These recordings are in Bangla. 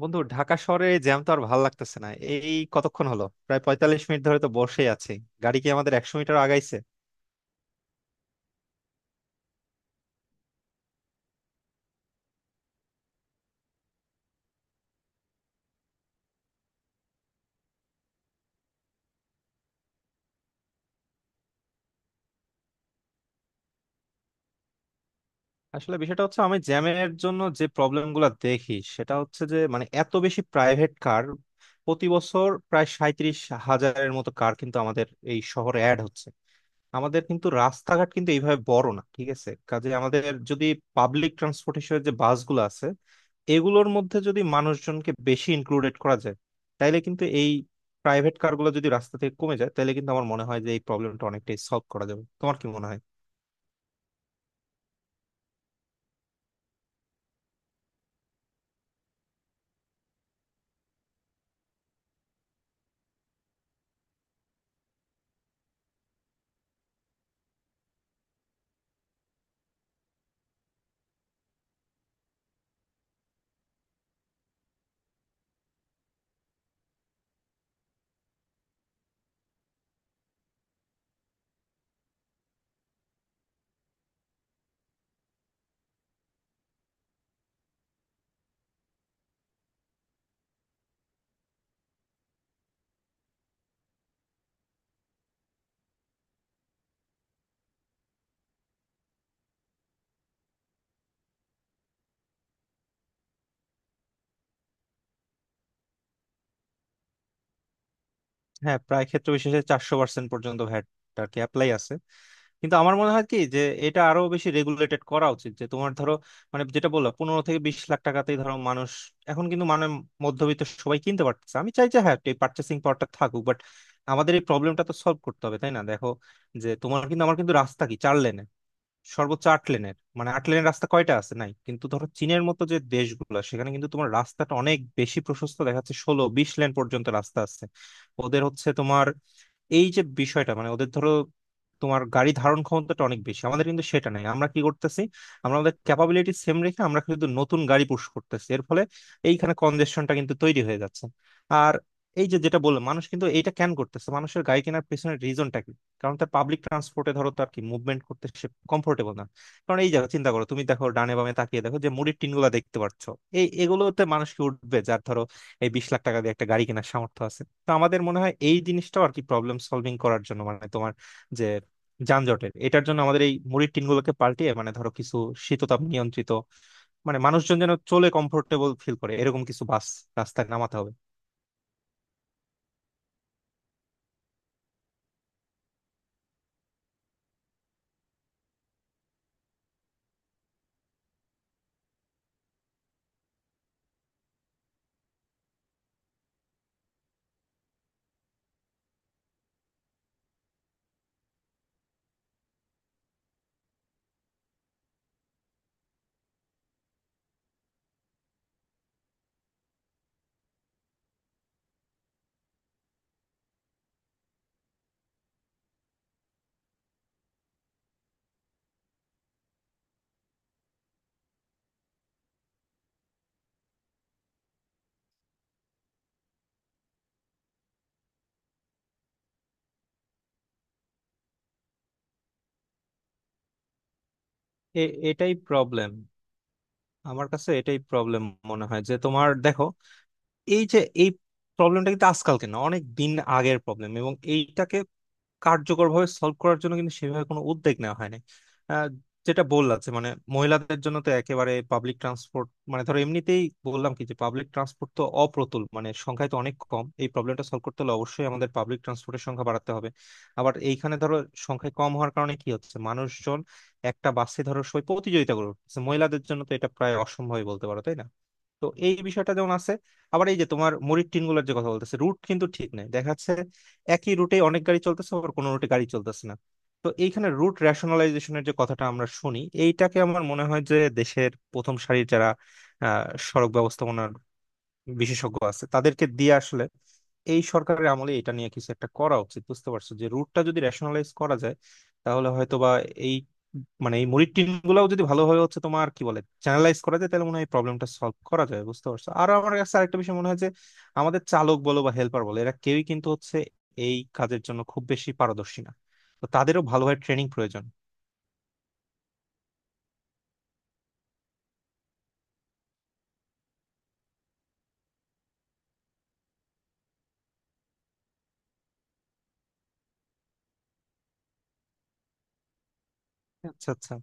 বন্ধু, ঢাকা শহরে জ্যাম তো আর ভালো লাগতেছে না। এই কতক্ষণ হলো, প্রায় 45 মিনিট ধরে তো বসেই আছি। গাড়ি কি আমাদের 100 মিটার আগাইছে? আসলে বিষয়টা হচ্ছে, আমি জ্যামের জন্য যে প্রবলেম গুলা দেখি, সেটা হচ্ছে যে মানে এত বেশি প্রাইভেট কার। প্রতি বছর প্রায় 37,000 মতো কার কিন্তু আমাদের এই শহরে অ্যাড হচ্ছে। আমাদের কিন্তু রাস্তাঘাট কিন্তু এইভাবে বড় না, ঠিক আছে? কাজে আমাদের যদি পাবলিক ট্রান্সপোর্টেশনের যে বাসগুলো আছে, এগুলোর মধ্যে যদি মানুষজনকে বেশি ইনক্লুডেড করা যায়, তাইলে কিন্তু এই প্রাইভেট কারগুলো যদি রাস্তা থেকে কমে যায়, তাহলে কিন্তু আমার মনে হয় যে এই প্রবলেমটা অনেকটাই সলভ করা যাবে। তোমার কি মনে হয়? হ্যাঁ, প্রায় ক্ষেত্র বিশেষে 400% পর্যন্ত ভ্যাট আর কি অ্যাপ্লাই আছে। কিন্তু আমার মনে হয় কি যে এটা আরো বেশি রেগুলেটেড করা উচিত। যে তোমার ধরো মানে যেটা বললাম, 15 থেকে 20 লাখ টাকাতেই ধরো মানুষ এখন কিন্তু মানে মধ্যবিত্ত সবাই কিনতে পারতেছে। আমি চাই যে হ্যাঁ, এই পার্চেসিং পাওয়ারটা থাকুক, বাট আমাদের এই প্রবলেমটা তো সলভ করতে হবে, তাই না? দেখো যে তোমার কিন্তু আমার কিন্তু রাস্তা কি 4 লেনের, সর্বোচ্চ 8 লেনের। মানে 8 লেনের রাস্তা কয়টা আছে? নাই। কিন্তু ধরো চীনের মতো যে দেশগুলো, সেখানে কিন্তু তোমার রাস্তাটা অনেক বেশি প্রশস্ত দেখাচ্ছে, 16-20 লেন পর্যন্ত রাস্তা আছে। ওদের হচ্ছে তোমার এই যে বিষয়টা, মানে ওদের ধরো তোমার গাড়ি ধারণ ক্ষমতাটা অনেক বেশি। আমাদের কিন্তু সেটা নাই। আমরা কি করতেছি, আমরা আমাদের ক্যাপাবিলিটি সেম রেখে আমরা কিন্তু নতুন গাড়ি পুশ করতেছি। এর ফলে এইখানে কনজেশনটা কিন্তু তৈরি হয়ে যাচ্ছে। আর এই যে যেটা বললাম, মানুষ কিন্তু এইটা কেন করতেছে, মানুষের গাড়ি কেনার পেছনের রিজনটা কি? কারণ তার পাবলিক ট্রান্সপোর্টে ধরো তার কি মুভমেন্ট করতে সে কমফোর্টেবল না। কারণ এই জায়গা চিন্তা করো, তুমি দেখো, ডানে বামে তাকিয়ে দেখো যে মুড়ির টিনগুলো দেখতে পাচ্ছ, এই এগুলোতে মানুষ কি উঠবে যার ধরো এই 20 লাখ টাকা দিয়ে একটা গাড়ি কেনার সামর্থ্য আছে? তো আমাদের মনে হয় এই জিনিসটাও আর কি প্রবলেম সলভিং করার জন্য, মানে তোমার যে যানজটের, এটার জন্য আমাদের এই মুড়ির টিনগুলোকে পাল্টিয়ে মানে ধরো কিছু শীততাপ নিয়ন্ত্রিত মানে মানুষজন যেন চলে কমফোর্টেবল ফিল করে এরকম কিছু বাস রাস্তায় নামাতে হবে। এটাই প্রবলেম, আমার কাছে এটাই প্রবলেম মনে হয়। যে তোমার দেখো এই যে এই প্রবলেমটা কিন্তু আজকালকে না, অনেক দিন আগের প্রবলেম, এবং এইটাকে কার্যকরভাবে সলভ করার জন্য কিন্তু সেভাবে কোনো উদ্যোগ নেওয়া হয়নি। আহ, যেটা বললাম যে মানে মহিলাদের জন্য তো একেবারে পাবলিক ট্রান্সপোর্ট, মানে ধরো এমনিতেই বললাম কি যে পাবলিক ট্রান্সপোর্ট তো অপ্রতুল, মানে সংখ্যায় তো অনেক কম। এই প্রবলেমটা সলভ করতে হলে অবশ্যই আমাদের পাবলিক ট্রান্সপোর্টের সংখ্যা বাড়াতে হবে। আবার এইখানে ধরো সংখ্যায় কম হওয়ার কারণে কি হচ্ছে, মানুষজন একটা বাসে ধরো সবাই প্রতিযোগিতা করে উঠছে। মহিলাদের জন্য তো এটা প্রায় অসম্ভবই বলতে পারো, তাই না? তো এই বিষয়টা যেমন আছে, আবার এই যে তোমার মুড়ির টিন গুলোর যে কথা বলতেছে, রুট কিন্তু ঠিক নাই দেখা যাচ্ছে। একই রুটে অনেক গাড়ি চলতেছে, আবার কোনো রুটে গাড়ি চলতেছে না। তো এইখানে রুট রেশনালাইজেশনের যে কথাটা আমরা শুনি, এইটাকে আমার মনে হয় যে দেশের প্রথম সারির যারা আহ সড়ক ব্যবস্থাপনার বিশেষজ্ঞ আছে, তাদেরকে দিয়ে আসলে এই সরকারের আমলে এটা নিয়ে কিছু একটা করা উচিত। বুঝতে পারছো? যে রুটটা যদি রেশনালাইজ করা যায়, তাহলে হয়তো বা এই মানে এই মুরির টিন গুলাও যদি ভালোভাবে হচ্ছে তোমার কি বলে চ্যানেলাইজ করা যায়, তাহলে মনে হয় প্রবলেমটা সলভ করা যায়। বুঝতে পারছো? আর আমার কাছে আরেকটা বিষয় মনে হয় যে আমাদের চালক বলো বা হেল্পার বলো, এরা কেউই কিন্তু হচ্ছে এই কাজের জন্য খুব বেশি পারদর্শী না। তো তাদেরও ভালোভাবে ট্রেনিং প্রয়োজন। আচ্ছা, আচ্ছা।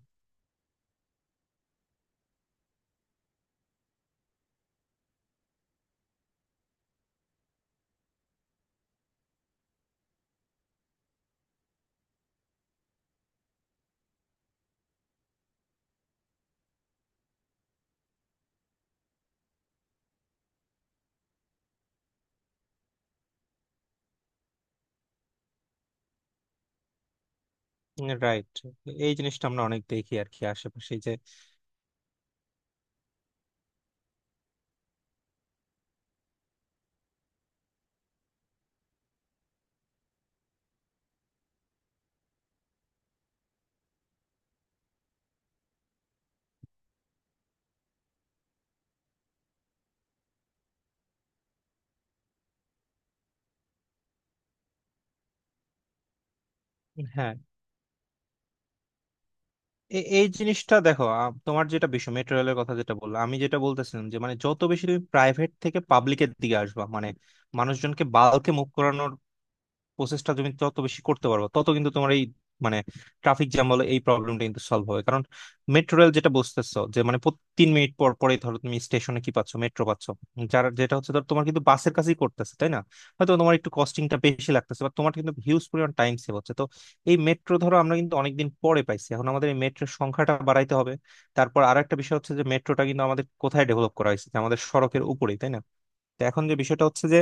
রাইট। এই জিনিসটা আমরা অনেক দেখি আর কি আশেপাশে যে। হ্যাঁ। এই জিনিসটা দেখো, তোমার যেটা বিষয় মেট্রো রেলের কথা যেটা বললো, আমি যেটা বলতেছিলাম যে মানে যত বেশি তুমি প্রাইভেট থেকে পাবলিকের দিকে আসবা, মানে মানুষজনকে বাল্কে মুভ করানোর প্রসেসটা তুমি যত বেশি করতে পারবে, তত কিন্তু তোমার এই মানে ট্রাফিক জ্যাম বলে এই প্রবলেমটা কিন্তু সলভ হবে। কারণ মেট্রো রেল যেটা বুঝতেছো যে মানে প্রতি 3 মিনিট পর পরে ধরো তুমি স্টেশনে কি পাচ্ছ, মেট্রো পাচ্ছ। যার যেটা হচ্ছে, ধর তোমার কিন্তু বাসের কাছেই করতেছে, তাই না? হয়তো তোমার একটু কস্টিংটা বেশি লাগতেছে, বা তোমার কিন্তু হিউজ পরিমাণ টাইম সেভ হচ্ছে। তো এই মেট্রো ধরো আমরা কিন্তু অনেকদিন পরে পাইছি, এখন আমাদের এই মেট্রোর সংখ্যাটা বাড়াইতে হবে। তারপর আর একটা বিষয় হচ্ছে যে মেট্রোটা কিন্তু আমাদের কোথায় ডেভেলপ করা হয়েছে, যে আমাদের সড়কের উপরেই, তাই না? তো এখন যে বিষয়টা হচ্ছে যে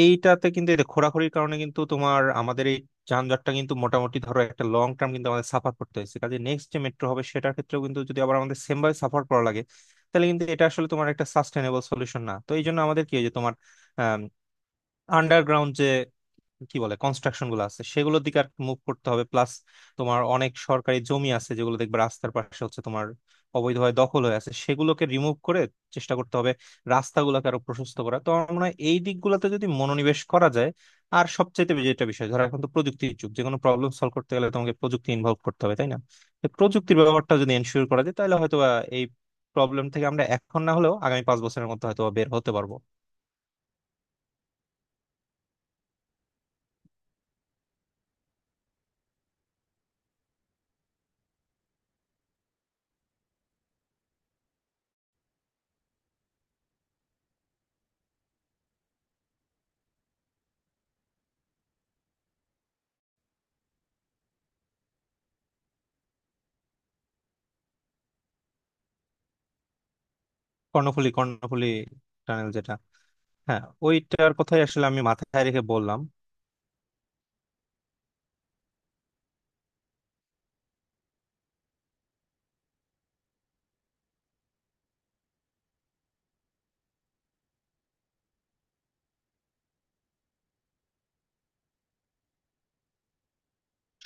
এইটাতে কিন্তু এই যে খোরাখুরির কারণে কিন্তু তোমার আমাদের এই যানজটটা কিন্তু মোটামুটি ধরো একটা লং টার্ম কিন্তু আমাদের সাফার করতে হয়েছে। কাজে নেক্সট যে মেট্রো হবে সেটার ক্ষেত্রেও কিন্তু যদি আবার আমাদের সেম ভাবে সাফার করা লাগে, তাহলে কিন্তু এটা আসলে তোমার একটা সাস্টেনেবল সলিউশন না। তো এই জন্য আমাদের কি হয় যে তোমার আন্ডারগ্রাউন্ড যে কি বলে কনস্ট্রাকশন গুলো আছে, সেগুলোর দিকে আর মুভ করতে হবে। প্লাস তোমার অনেক সরকারি জমি আছে যেগুলো দেখবে রাস্তার পাশে হচ্ছে তোমার অবৈধভাবে দখল হয়ে আছে, সেগুলোকে রিমুভ করে চেষ্টা করতে হবে রাস্তাগুলোকে আরো প্রশস্ত করা। তো আমার মনে হয় এই দিকগুলোতে যদি মনোনিবেশ করা যায়, আর সবচেয়ে যেটা বিষয় ধরো এখন তো প্রযুক্তির যুগ, যে কোনো প্রবলেম সলভ করতে গেলে তোমাকে প্রযুক্তি ইনভলভ করতে হবে, তাই না? তো প্রযুক্তির ব্যবহারটা যদি এনশিওর করা যায়, তাহলে হয়তো বা এই প্রবলেম থেকে আমরা এখন না হলেও আগামী 5 বছরের মধ্যে হয়তো বা বের হতে পারবো। কর্ণফুলী, কর্ণফুলী টানেল যেটা। হ্যাঁ, ওইটার কথাই আসলে আমি মাথায় রেখে বললাম।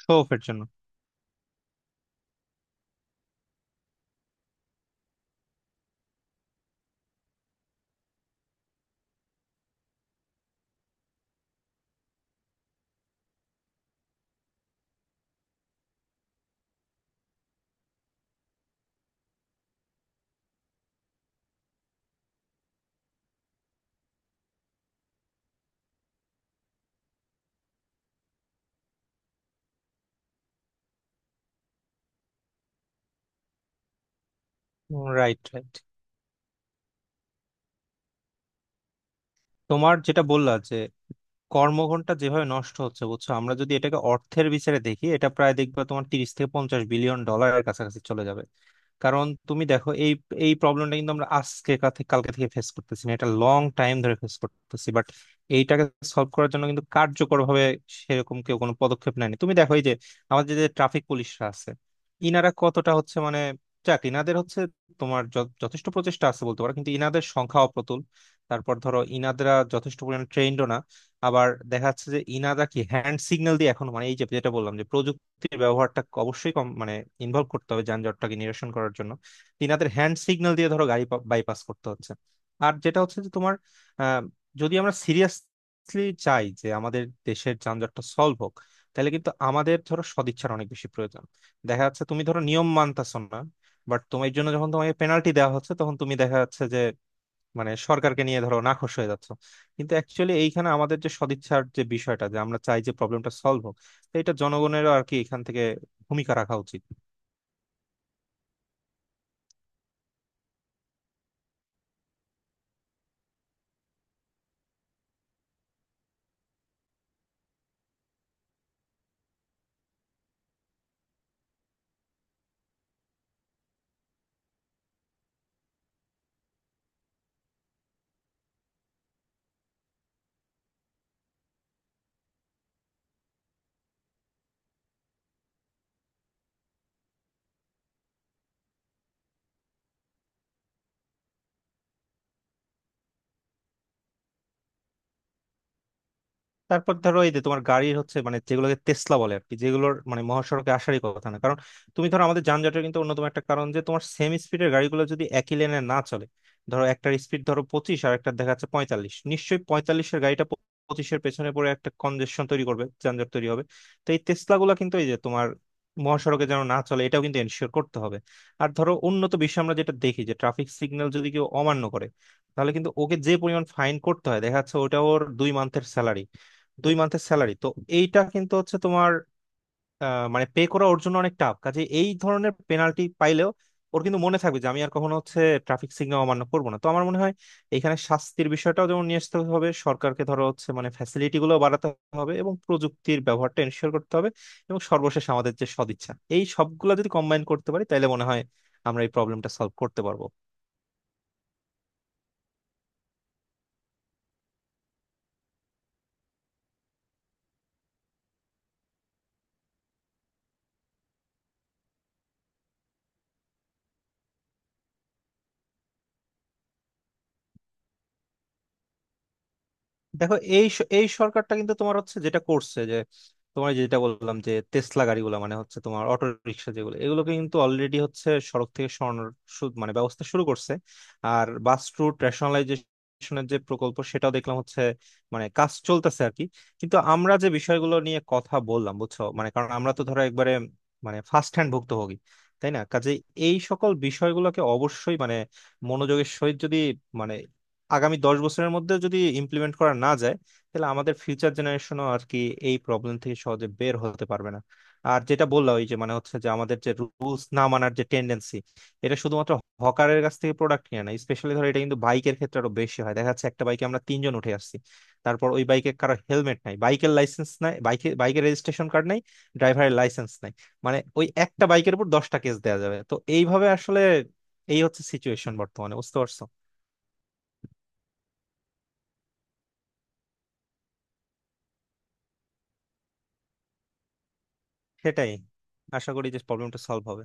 শো অফের জন্য। Right, right. তোমার যেটা বললা যে কর্মঘন্টা যেভাবে নষ্ট হচ্ছে, বুঝছো, আমরা যদি এটাকে অর্থের বিচারে দেখি, এটা প্রায় দেখবে তোমার 30 থেকে 50 বিলিয়ন ডলারের কাছাকাছি চলে যাবে। কারণ তুমি দেখো এই এই প্রবলেমটা কিন্তু আমরা আজকে কালকে থেকে ফেস করতেছি না, এটা লং টাইম ধরে ফেস করতেছি। বাট এইটাকে সলভ করার জন্য কিন্তু কার্যকরভাবে সেরকম কেউ কোনো পদক্ষেপ নেয়নি। তুমি দেখো এই যে আমাদের যে ট্রাফিক পুলিশরা আছে, ইনারা কতটা হচ্ছে মানে, যাক, ইনাদের হচ্ছে তোমার যথেষ্ট প্রচেষ্টা আছে বলতে পারো, কিন্তু ইনাদের সংখ্যা অপ্রতুল। তারপর ধরো ইনাদরা যথেষ্ট পরিমাণে ট্রেন্ডও না। আবার দেখা যাচ্ছে যে ইনাদা কি হ্যান্ড সিগন্যাল দিয়ে এখন, মানে এই যে যেটা বললাম যে প্রযুক্তির ব্যবহারটা অবশ্যই কম, মানে ইনভলভ করতে হবে যানজটটাকে নিরসন করার জন্য। তো ইনাদের হ্যান্ড সিগন্যাল দিয়ে ধরো গাড়ি বাইপাস করতে হচ্ছে। আর যেটা হচ্ছে যে তোমার আহ, যদি আমরা সিরিয়াসলি চাই যে আমাদের দেশের যানজটটা সলভ হোক, তাহলে কিন্তু আমাদের ধরো সদিচ্ছার অনেক বেশি প্রয়োজন। দেখা যাচ্ছে তুমি ধরো নিয়ম মানতাছো না, বাট তোমার জন্য যখন তোমাকে পেনাল্টি দেওয়া হচ্ছে, তখন তুমি দেখা যাচ্ছে যে মানে সরকারকে নিয়ে ধরো নাখোশ হয়ে যাচ্ছ। কিন্তু অ্যাকচুয়ালি এইখানে আমাদের যে সদিচ্ছার যে বিষয়টা, যে আমরা চাই যে প্রবলেমটা সলভ হোক, তো এটা জনগণেরও আর কি এখান থেকে ভূমিকা রাখা উচিত। তারপর ধরো এই যে তোমার গাড়ির হচ্ছে মানে যেগুলোকে টেসলা বলে আর কি, যেগুলোর মানে মহাসড়কে আসারই কথা না। কারণ তুমি ধরো আমাদের যানজটের কিন্তু অন্যতম একটা কারণ যে তোমার সেম স্পিডের গাড়িগুলো যদি একই লেনে না চলে। ধরো একটার স্পিড ধরো 25, আর একটা দেখা যাচ্ছে 45, নিশ্চয়ই 45-এর গাড়িটা 25-এর পেছনে পড়ে একটা কনজেশন তৈরি করবে, যানজট তৈরি হবে। তো এই টেসলা গুলা কিন্তু এই যে তোমার মহাসড়কে যেন না চলে, এটাও কিন্তু এনশিওর করতে হবে। আর ধরো উন্নত বিশ্বে আমরা যেটা দেখি যে ট্রাফিক সিগন্যাল যদি কেউ অমান্য করে, তাহলে কিন্তু ওকে যে পরিমাণ ফাইন করতে হয়, দেখা যাচ্ছে ওটা ওর 2 মান্থের স্যালারি, 2 মান্থের স্যালারি। তো এইটা কিন্তু হচ্ছে তোমার মানে পে করা ওর জন্য অনেক টাফ। কাজে এই ধরনের পেনাল্টি পাইলেও ওর কিন্তু মনে থাকবে যে আমি আর কখনো হচ্ছে ট্রাফিক সিগন্যাল অমান্য করবো না। তো আমার মনে হয় এখানে শাস্তির বিষয়টাও যেমন নিয়ে আসতে হবে, সরকারকে ধরো হচ্ছে মানে ফ্যাসিলিটি গুলো বাড়াতে হবে, এবং প্রযুক্তির ব্যবহারটা এনশিওর করতে হবে, এবং সর্বশেষ আমাদের যে সদিচ্ছা, এই সবগুলো যদি কম্বাইন করতে পারি, তাহলে মনে হয় আমরা এই প্রবলেমটা সলভ করতে পারবো। দেখো এই এই সরকারটা কিন্তু তোমার হচ্ছে যেটা করছে যে তোমার এই যেটা বললাম যে টেসলা গাড়িগুলো মানে হচ্ছে তোমার অটো রিক্সা যেগুলো, এগুলোকে কিন্তু অলরেডি হচ্ছে সড়ক থেকে সরানোর মানে ব্যবস্থা শুরু করছে। আর বাস রুট রেশনালাইজেশনের যে প্রকল্প, সেটাও দেখলাম হচ্ছে মানে কাজ চলতেছে আর কি। কিন্তু আমরা যে বিষয়গুলো নিয়ে কথা বললাম, বুঝছো, মানে কারণ আমরা তো ধরো একবারে মানে ফার্স্ট হ্যান্ড ভুক্তভোগী, তাই না? কাজে এই সকল বিষয়গুলোকে অবশ্যই মানে মনোযোগের সহিত যদি মানে আগামী 10 বছরের মধ্যে যদি ইমপ্লিমেন্ট করা না যায়, তাহলে আমাদের ফিউচার জেনারেশনও আর কি এই প্রবলেম থেকে সহজে বের হতে পারবে না। আর যেটা বললাম, ওই যে মানে হচ্ছে যে আমাদের যে রুলস না মানার যে টেন্ডেন্সি, এটা শুধুমাত্র হকারের কাছ থেকে প্রোডাক্ট নিয়ে না, স্পেশালি ধরো এটা কিন্তু বাইকের ক্ষেত্রে আরো বেশি হয়। দেখা যাচ্ছে একটা বাইকে আমরা তিনজন উঠে আসছি, তারপর ওই বাইকে কারো হেলমেট নাই, বাইকের লাইসেন্স নাই, বাইকে বাইকের রেজিস্ট্রেশন কার্ড নাই, ড্রাইভারের লাইসেন্স নাই। মানে ওই একটা বাইকের উপর 10টা কেস দেওয়া যাবে। তো এইভাবে আসলে এই হচ্ছে সিচুয়েশন বর্তমানে, বুঝতে পারছো? সেটাই। আশা করি যে প্রবলেমটা সলভ হবে।